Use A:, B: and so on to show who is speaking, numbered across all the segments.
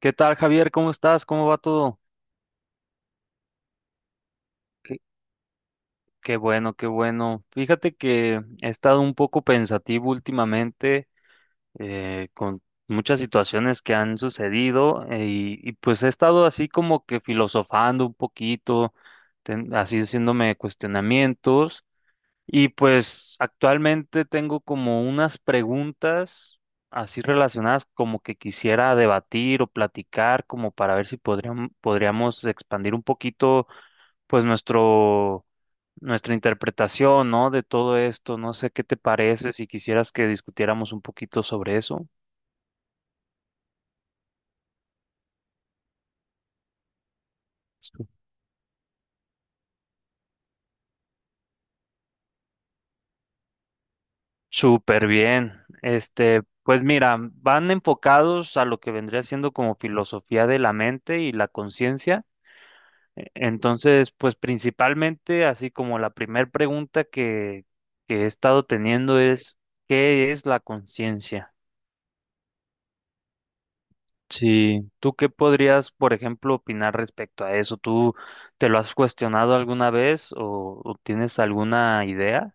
A: ¿Qué tal, Javier? ¿Cómo estás? ¿Cómo va todo? Qué, qué bueno, qué bueno. Fíjate que he estado un poco pensativo últimamente con muchas situaciones que han sucedido, y pues he estado así como que filosofando un poquito, así haciéndome cuestionamientos. Y pues actualmente tengo como unas preguntas así relacionadas como que quisiera debatir o platicar como para ver si podríamos expandir un poquito pues nuestra interpretación, ¿no? De todo esto. No sé qué te parece si quisieras que discutiéramos un poquito sobre eso. Su- Súper bien. Este, pues mira, van enfocados a lo que vendría siendo como filosofía de la mente y la conciencia. Entonces, pues principalmente, así como la primera pregunta que he estado teniendo es, ¿qué es la conciencia? Sí, ¿tú qué podrías, por ejemplo, opinar respecto a eso? ¿Tú te lo has cuestionado alguna vez o tienes alguna idea?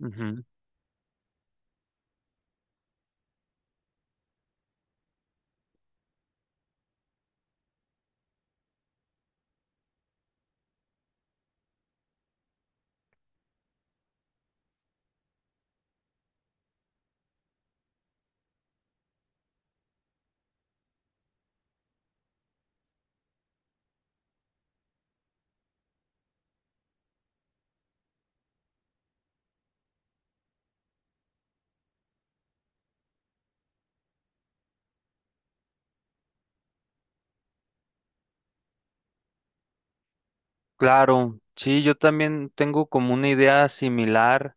A: Ujú. Claro, sí, yo también tengo como una idea similar,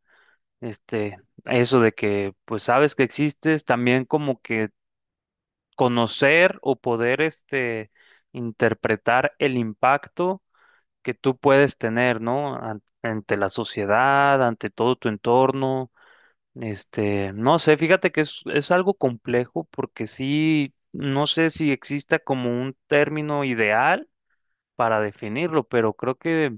A: este, a eso de que, pues sabes que existes, también como que conocer o poder este, interpretar el impacto que tú puedes tener, ¿no? Ante la sociedad, ante todo tu entorno, este, no sé, fíjate que es algo complejo porque sí, no sé si exista como un término ideal para definirlo, pero creo que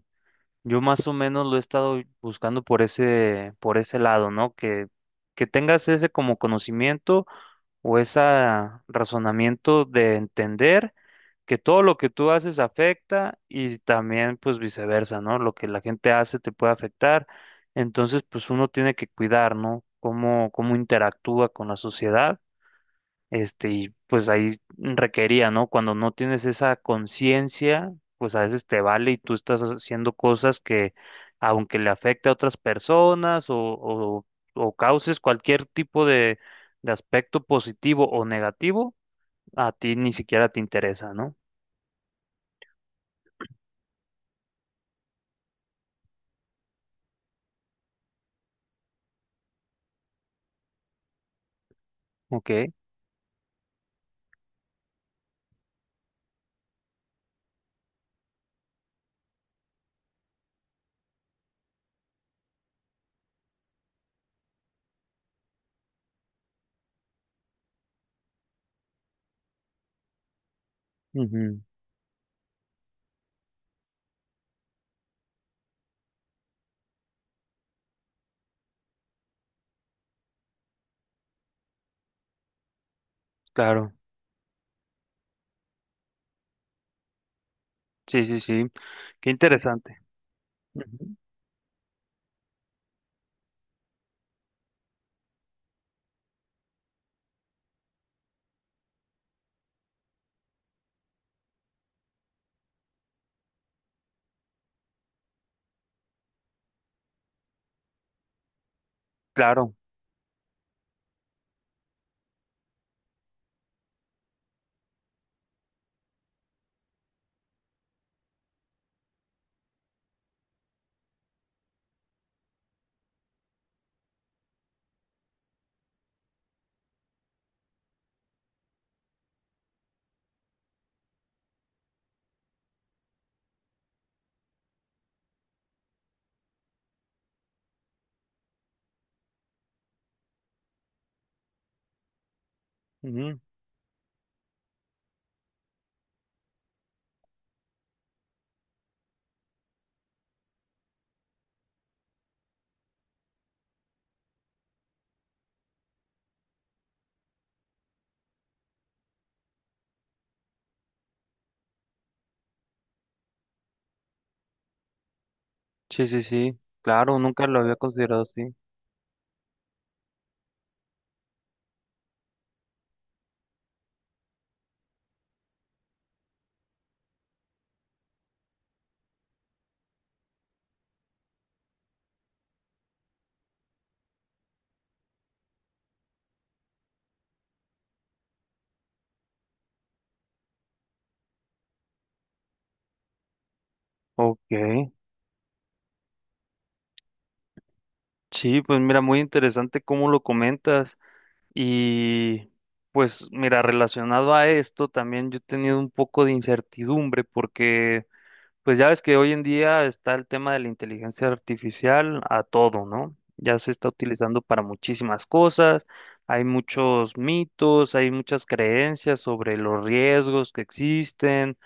A: yo más o menos lo he estado buscando por por ese lado, ¿no? Que tengas ese como conocimiento o ese razonamiento de entender que todo lo que tú haces afecta y también pues viceversa, ¿no? Lo que la gente hace te puede afectar. Entonces, pues uno tiene que cuidar, ¿no? Cómo interactúa con la sociedad este, y pues ahí requería, ¿no? Cuando no tienes esa conciencia, pues a veces te vale y tú estás haciendo cosas que, aunque le afecte a otras personas o causes cualquier tipo de aspecto positivo o negativo, a ti ni siquiera te interesa, ¿no? Ok. Ujú. Claro. Sí, sí, sí. Qué interesante. Ujú. Claro. Ujú. Sí, sí, sí. Claro, nunca lo había considerado así. Ok. Sí, pues mira, muy interesante cómo lo comentas. Y pues mira, relacionado a esto, también yo he tenido un poco de incertidumbre porque pues ya ves que hoy en día está el tema de la inteligencia artificial a todo, ¿no? Ya se está utilizando para muchísimas cosas, hay muchos mitos, hay muchas creencias sobre los riesgos que existen,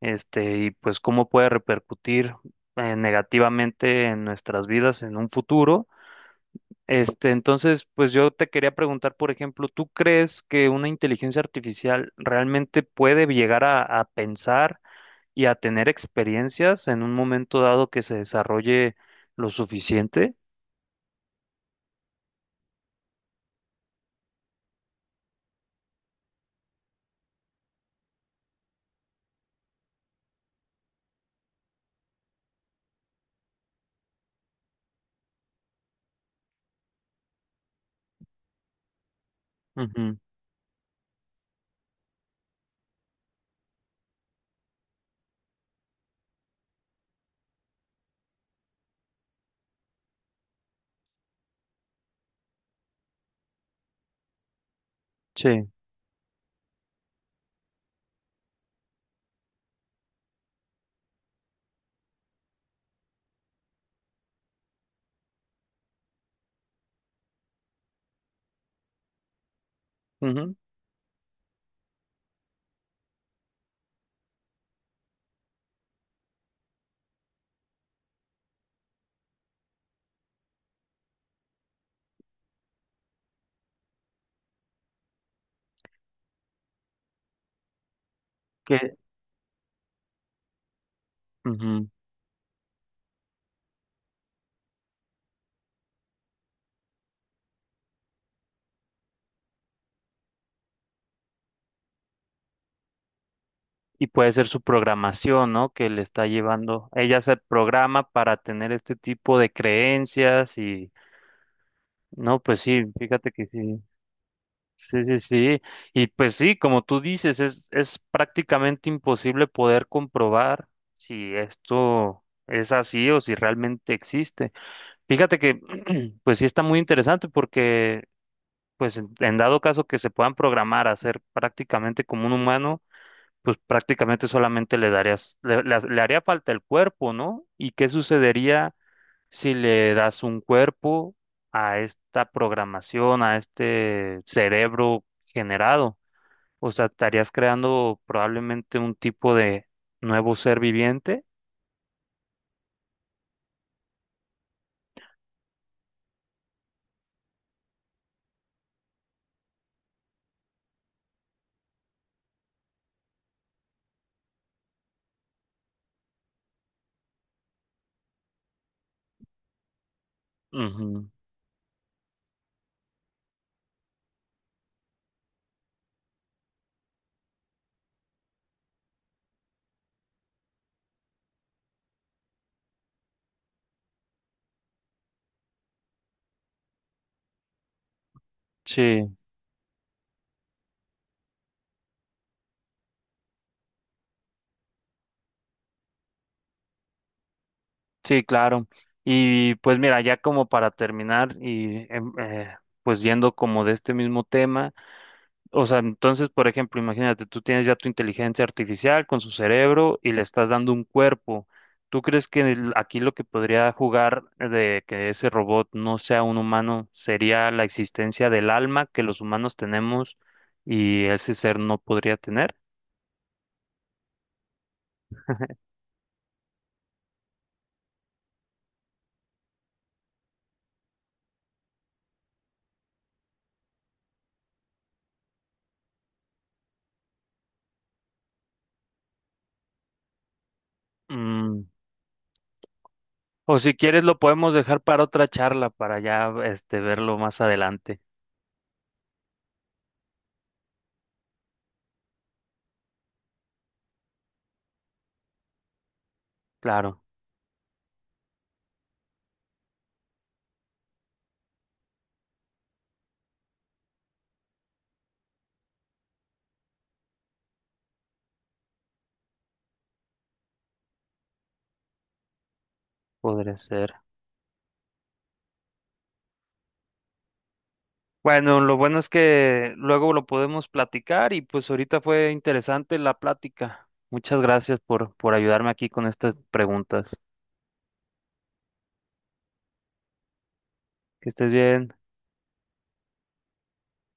A: este, y pues cómo puede repercutir negativamente en nuestras vidas en un futuro. Este, entonces, pues yo te quería preguntar, por ejemplo, ¿tú crees que una inteligencia artificial realmente puede llegar a pensar y a tener experiencias en un momento dado que se desarrolle lo suficiente? Ujú, sí. Ujú, que- ujú. Y puede ser su programación, ¿no? Que le está llevando. Ella se programa para tener este tipo de creencias y, no, pues sí, fíjate que sí. Sí, sí, sí. Y pues sí, como tú dices, es prácticamente imposible poder comprobar si esto es así o si realmente existe. Fíjate que, pues sí está muy interesante porque, pues en dado caso que se puedan programar a ser prácticamente como un humano, pues prácticamente solamente le le haría falta el cuerpo, ¿no? ¿Y qué sucedería si le das un cuerpo a esta programación, a este cerebro generado? O sea, estarías creando probablemente un tipo de nuevo ser viviente. Ujú. Sí, sí, claro. Y pues mira, ya como para terminar y pues yendo como de este mismo tema. O sea, entonces, por ejemplo, imagínate, tú tienes ya tu inteligencia artificial con su cerebro y le estás dando un cuerpo. ¿Tú crees que aquí lo que podría jugar de que ese robot no sea un humano sería la existencia del alma que los humanos tenemos y ese ser no podría tener? Mm, O si quieres lo podemos dejar para otra charla, para ya este verlo más adelante. Claro, podría ser. Bueno, lo bueno es que luego lo podemos platicar y pues ahorita fue interesante la plática. Muchas gracias por ayudarme aquí con estas preguntas. Que estés bien.